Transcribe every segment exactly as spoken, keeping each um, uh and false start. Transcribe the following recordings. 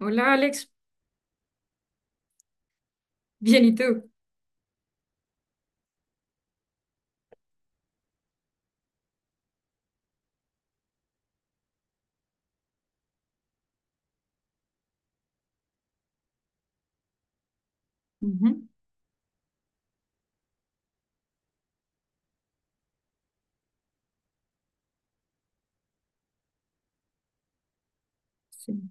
Hola Alex, bien, ¿y tú? Ujú, sí.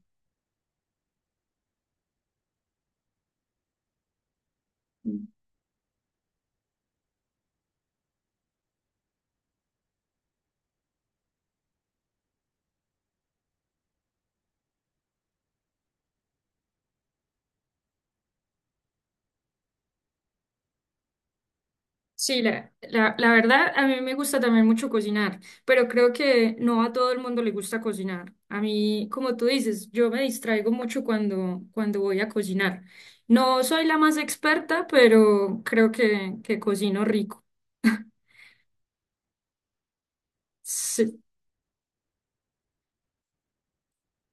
Sí, la, la, la verdad, a mí me gusta también mucho cocinar, pero creo que no a todo el mundo le gusta cocinar. A mí, como tú dices, yo me distraigo mucho cuando, cuando voy a cocinar. No soy la más experta, pero creo que, que cocino rico. Sí.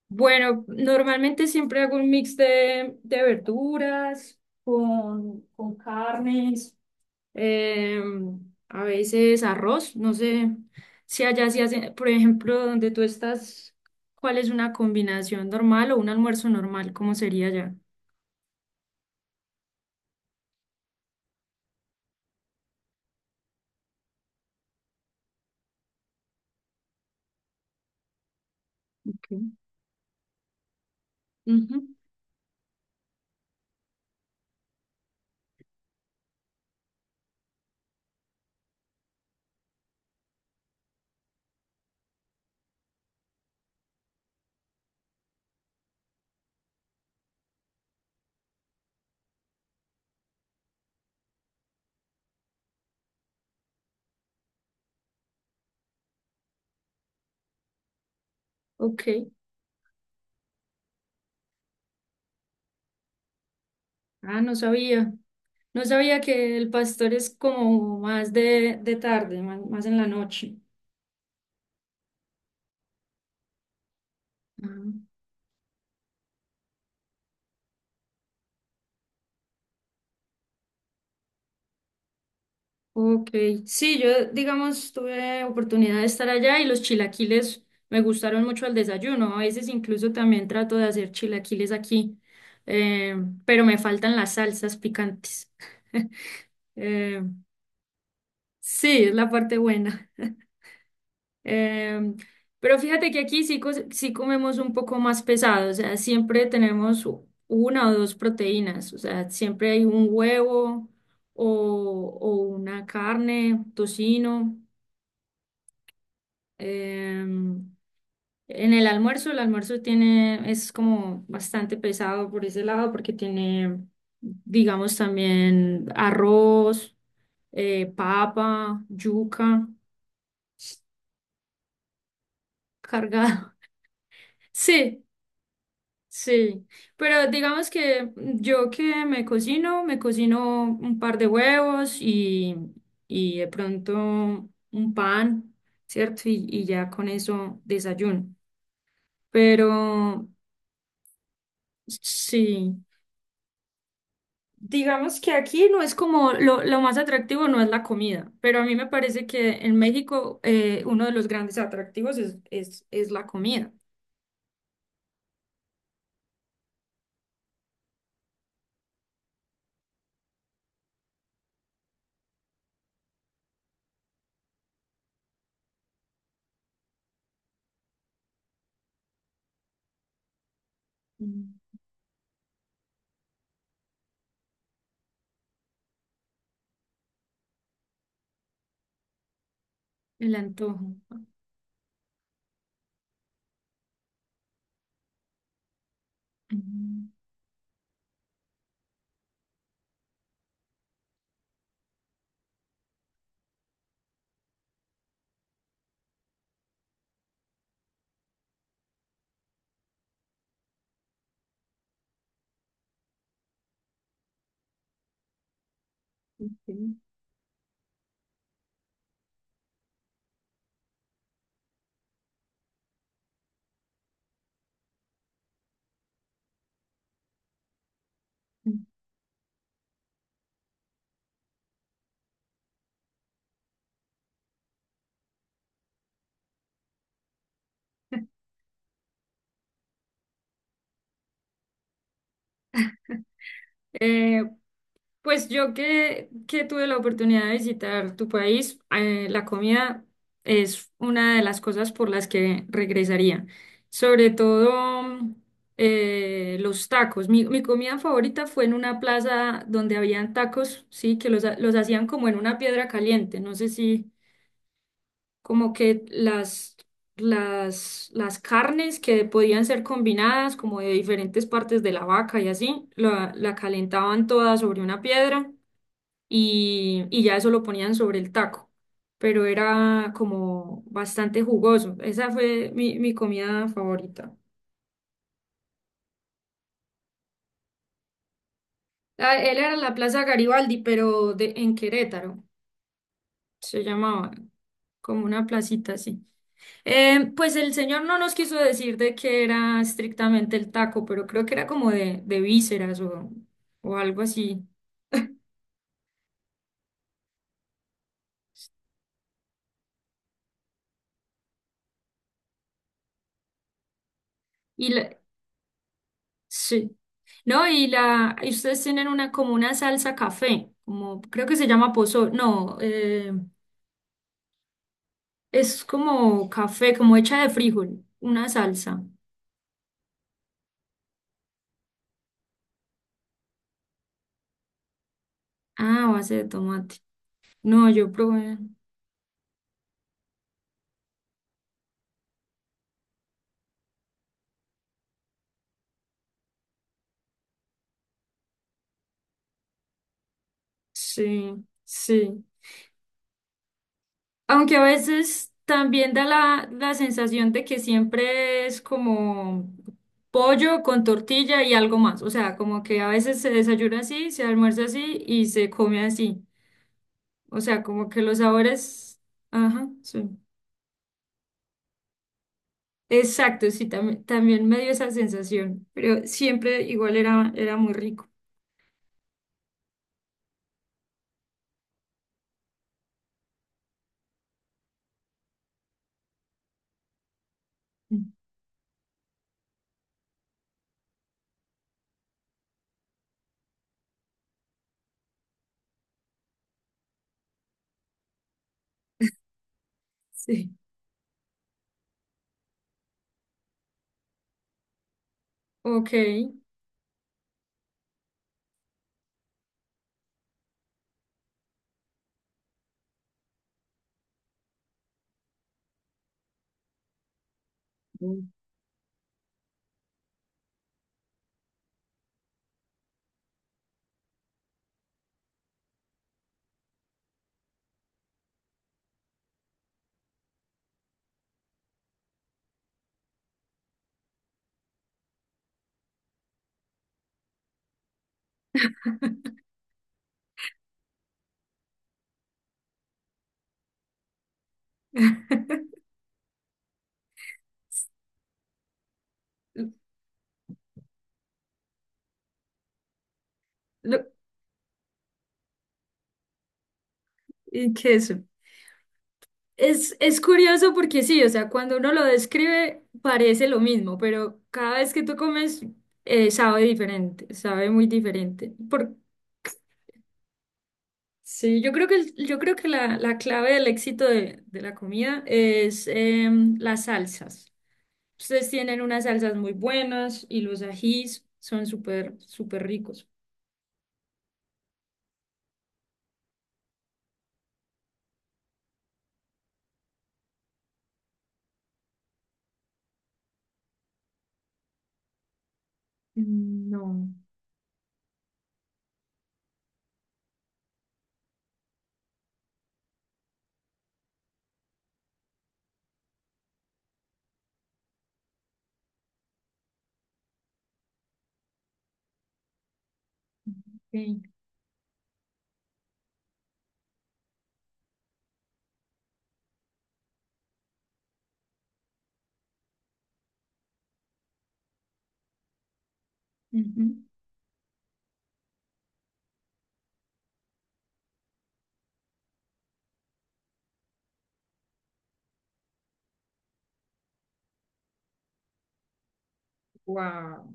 Bueno, normalmente siempre hago un mix de, de verduras con, con carnes. eh, a veces arroz, no sé si allá se hace, por ejemplo, donde tú estás, ¿cuál es una combinación normal o un almuerzo normal? ¿Cómo sería allá? Ok. Ujú, ok. Ah, no sabía. No sabía que el pastor es como más de, de tarde, más, más en la noche. Ah. Ok, sí, yo digamos tuve oportunidad de estar allá y los chilaquiles me gustaron mucho al desayuno. A veces incluso también trato de hacer chilaquiles aquí, eh, pero me faltan las salsas picantes. Eh, Sí, es la parte buena. Em, pero fíjate que aquí sí, co- sí comemos un poco más pesado, o sea, siempre tenemos u- una o dos proteínas, o sea, siempre hay un huevo o, o una carne, tocino. em, en el almuerzo, el almuerzo tiene, es como bastante pesado por ese lado porque tiene, digamos, también arroz, eh, papa, yuca. Cargado. Sí, sí. Pero digamos que yo que me cocino, me cocino un par de huevos y, y de pronto un pan, ¿cierto? Y, y ya con eso desayuno. Pero sí, digamos que aquí no es como lo, lo más atractivo, no es la comida, pero a mí me parece que en México eh, uno de los grandes atractivos es, es, es la comida. Mm. El antojo. Mm, ok. Eh, pues yo que, que tuve la oportunidad de visitar tu país, eh, la comida es una de las cosas por las que regresaría. Sobre todo mm, eh, los tacos. Mi, mi comida favorita fue en una plaza donde habían tacos, sí, que los, ha- los hacían como en una piedra caliente. No sé si, como que las, las, las carnes que podían ser combinadas, como de diferentes partes de la vaca y así, la, la calentaban toda sobre una piedra y, y ya eso lo ponían sobre el taco. Pero era como bastante jugoso. Esa fue mi, mi comida favorita. Ah, Él era la Plaza Garibaldi, pero de, en Querétaro. Se llamaba como una placita así. Eh, pues el señor no nos quiso decir de qué era estrictamente el taco, pero creo que era como de, de vísceras o, o algo así. Y la, sí. No, y la, y ustedes tienen una como una salsa café, como creo que se llama pozo, no, eh, es como café, como hecha de frijol, una salsa. Ah, a base de tomate. No, yo probé. Sí, sí. Aunque a veces también da la, la sensación de que siempre es como pollo con tortilla y algo más. O sea, como que a veces se desayuna así, se almuerza así y se come así. O sea, como que los sabores... Ajá, sí. Exacto, sí, también, también me dio esa sensación, pero siempre igual era, era muy rico. Mm, sí. Ok. Mm. Lo, ¿y qué es? Es, es curioso porque sí, o sea, cuando uno lo describe parece lo mismo, pero cada vez que tú comes eh, sabe diferente, sabe muy diferente. Por, sí, yo creo que, el- yo creo que la, la clave del éxito de, de la comida es em, las salsas. Ustedes tienen unas salsas muy buenas y los ajís son súper, súper ricos. Mm, no. Ok, ujú. Wow.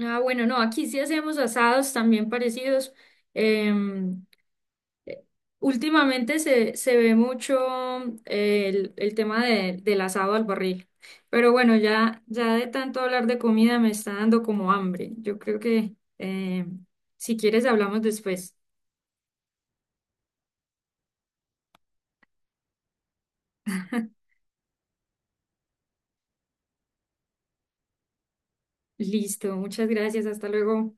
Ah, bueno, no, aquí sí hacemos asados también parecidos. em, Últimamente se, se ve mucho eh, el, el tema de- del asado al barril, pero bueno, ya, ya de tanto hablar de comida me está dando como hambre. Yo creo que eh, si quieres hablamos después. Listo, muchas gracias, hasta luego.